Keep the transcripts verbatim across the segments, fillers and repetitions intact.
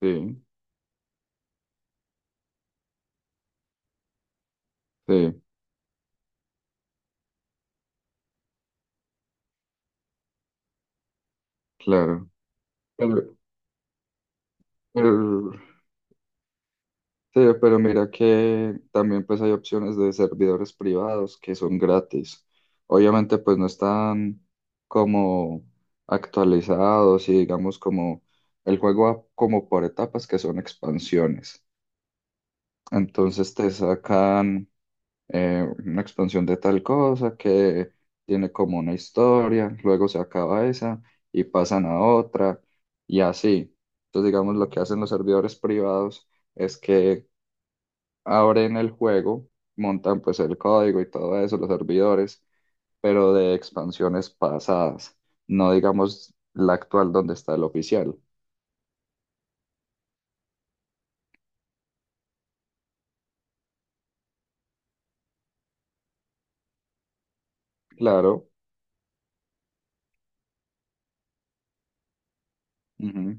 Sí, sí, claro. Pero, pero- sí, pero mira que también pues hay opciones de servidores privados que son gratis. Obviamente pues no están como actualizados y digamos como el juego va como por etapas que son expansiones. Entonces te sacan eh, una expansión de tal cosa que tiene como una historia, luego se acaba esa y pasan a otra y así. Entonces, digamos, lo que hacen los servidores privados es que abren el juego, montan pues el código y todo eso, los servidores, pero de expansiones pasadas, no digamos la actual donde está el oficial. Claro. Ujú,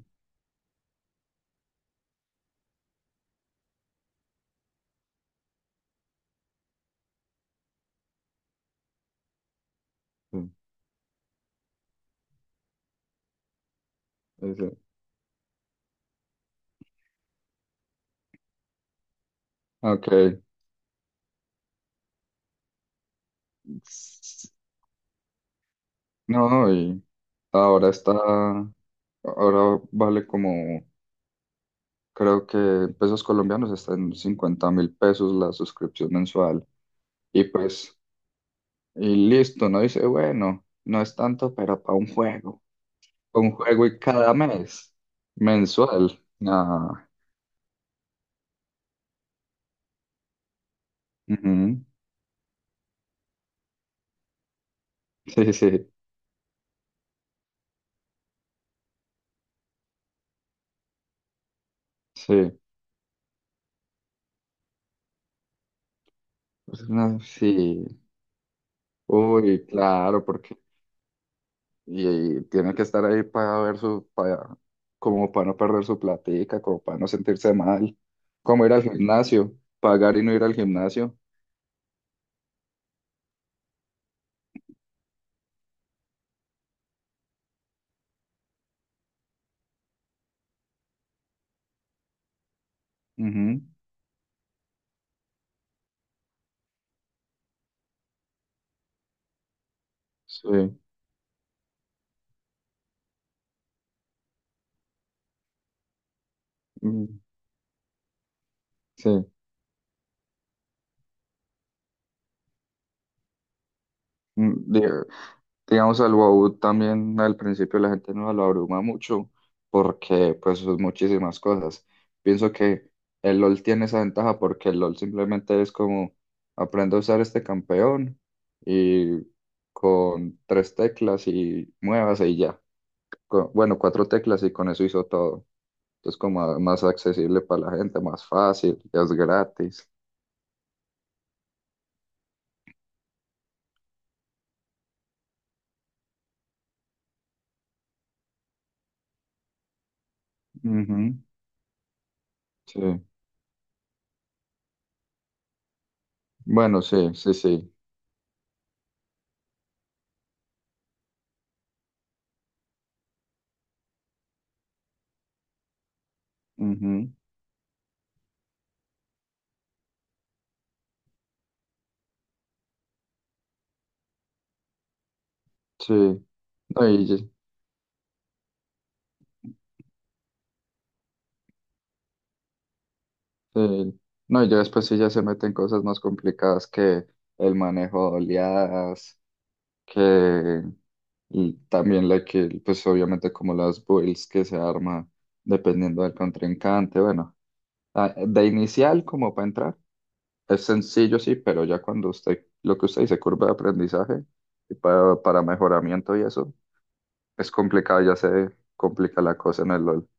sí, ese, ok. S- No, y ahora está. Ahora vale como, creo que en pesos colombianos está en cincuenta mil pesos la suscripción mensual. Y pues, y listo, no dice, bueno, no es tanto, pero para un juego. Un juego y cada mes, mensual. Ah, ujú. Sí, sí, sí. Es una- sí. Uy, claro, porque Y, y tiene que estar ahí para ver su, para, como para no perder su platica, como para no sentirse mal, como ir al gimnasio, pagar y no ir al gimnasio. Ujú, sí, mm, sí. Mm, diga- Digamos, al WoW también al principio la gente no lo abruma mucho porque pues son muchísimas cosas. Pienso que el LoL tiene esa ventaja porque el LoL simplemente es como aprendo a usar este campeón y con tres teclas y muevas y ya. Co- bueno, cuatro teclas y con eso hizo todo. Entonces como a- más accesible para la gente, más fácil, ya es gratis. Ujú, sí. Bueno, sí, sí, sí. Ujú, sí. No, y- Sí. No, y ya después sí ya se meten cosas más complicadas que el manejo de oleadas, que y también la que, pues obviamente como las builds que se arma dependiendo del contrincante. Bueno, ah, de inicial como para entrar, es sencillo sí, pero ya cuando usted, lo que usted dice, curva de aprendizaje y para, para mejoramiento y eso, es complicado, ya se complica la cosa en el LOL.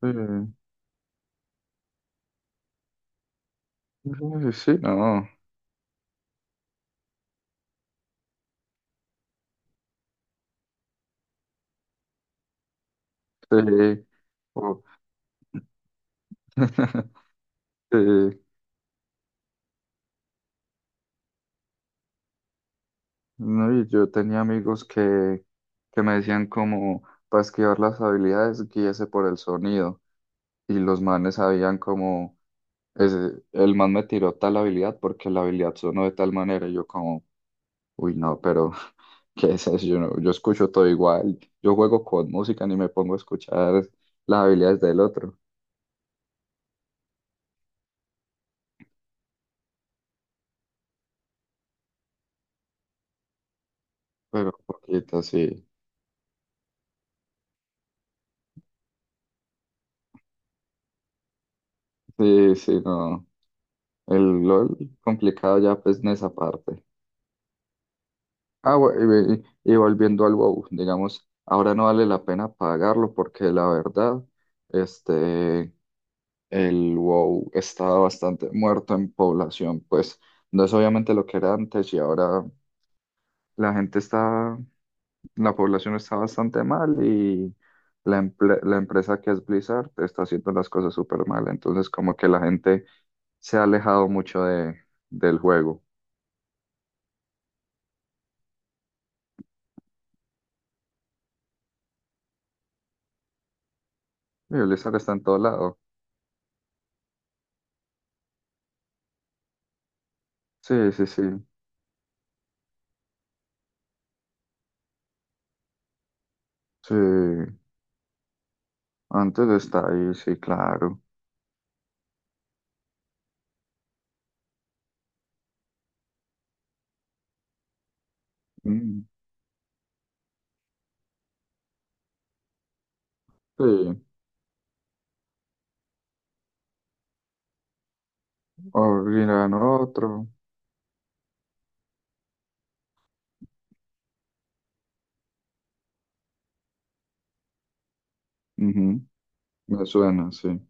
Sí, sí, sí, no, sí. o- Sí. No, y yo tenía amigos que, que me decían como, para esquivar las habilidades, guíese por el sonido. Y los manes sabían como, ese, el man me tiró tal habilidad porque la habilidad sonó de tal manera. Y yo como, uy, no, pero ¿qué es eso? Yo, no- Yo escucho todo igual. Yo juego con música, ni me pongo a escuchar las habilidades del otro. Pero poquito, sí. Sí, sí, no. El LOL complicado ya pues en esa parte. Ah, bu- y, ve- y volviendo al WoW, digamos, ahora no vale la pena pagarlo porque la verdad, este, el WoW está bastante muerto en población, pues no es obviamente lo que era antes y ahora la gente está, la población está bastante mal y la, emple- la empresa que es Blizzard está haciendo las cosas súper mal, entonces como que la gente se ha alejado mucho de, del juego. Y Blizzard está en todo lado. Sí, sí, sí, sí. Antes está ahí, sí, claro. Mm, sí, abrirán otro. Ujú, me suena, sí.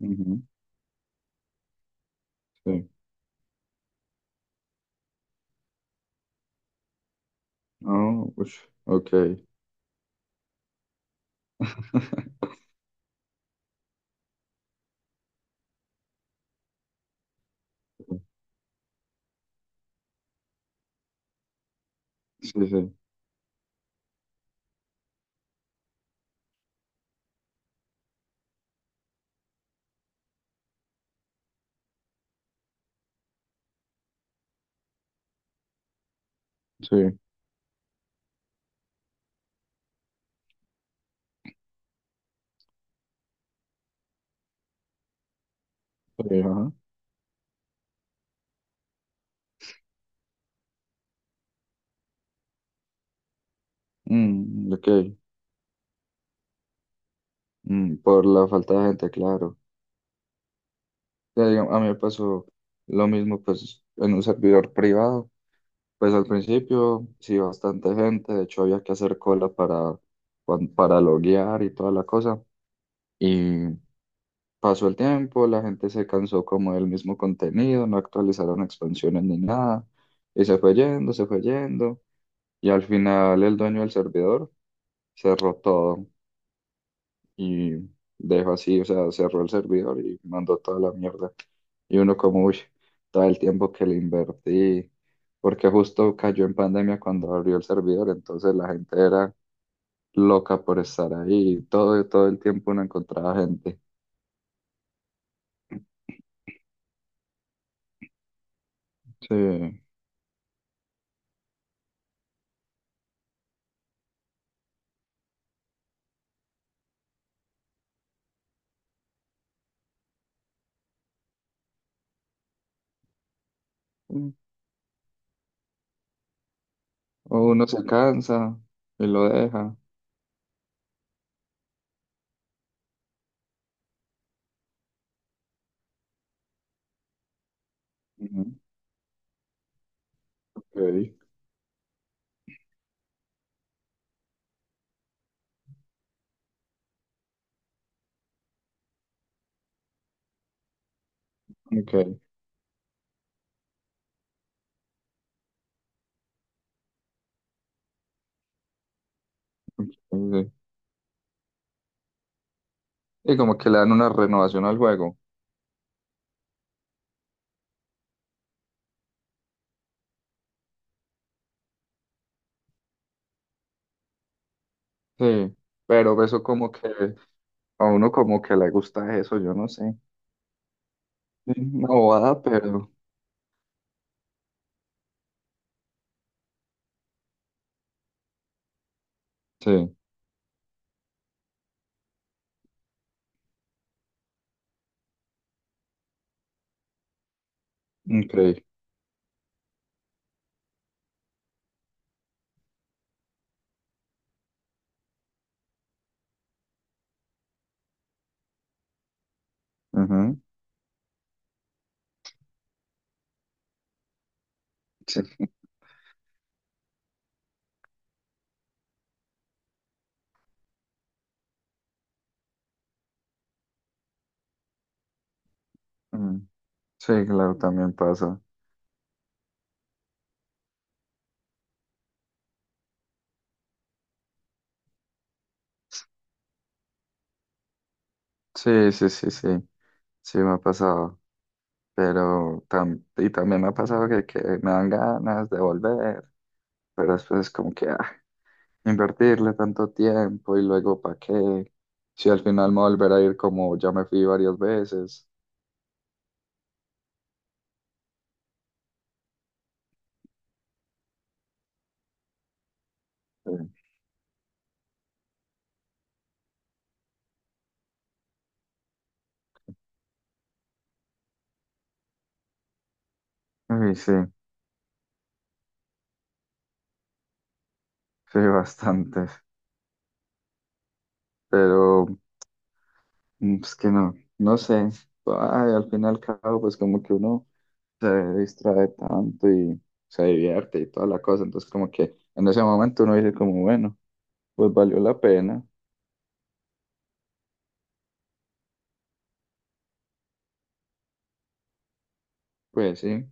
Ujú, sí. Oh, ush, ok. Sí, sí, sí, sí, ajá. Mm, ok. Mm, por la falta de gente, claro. Ya, digamos, a mí me pasó lo mismo, pues, en un servidor privado. Pues al principio, sí, bastante gente. De hecho, había que hacer cola para, cuan- para loguear y toda la cosa. Y pasó el tiempo, la gente se cansó como del mismo contenido, no actualizaron expansiones ni nada, y se fue yendo, se fue yendo, y al final el dueño del servidor cerró todo y dejó así, o sea, cerró el servidor y mandó toda la mierda. Y uno como, uy, todo el tiempo que le invertí, porque justo cayó en pandemia cuando abrió el servidor, entonces la gente era loca por estar ahí, todo, todo el tiempo uno encontraba gente. Sí. O uno se cansa y lo deja. Ujú. Ok, ok, sí, sí. Y como que le dan una renovación al juego. Sí, pero eso como que a uno como que le gusta eso, yo no sé. Sí, una bobada, pero sí, increíble. Ujú, sí, mm, sí, claro, también pasa. Sí, sí, sí, sí, sí me ha pasado. Pero tam- y también me ha pasado que, que me dan ganas de volver, pero después es como que, ah, invertirle tanto tiempo y luego para qué, si al final me volverá a ir como ya me fui varias veces. Sí, uy, sí, sí, bastante, pero mm, es que no, no sé, ay, al final y al cabo, pues como que uno se distrae tanto y se divierte y toda la cosa, entonces como que en ese momento uno dice como, bueno, pues valió la pena, pues sí,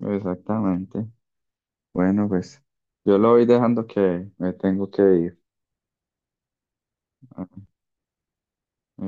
exactamente, bueno, pues yo lo voy dejando que me tengo que ir.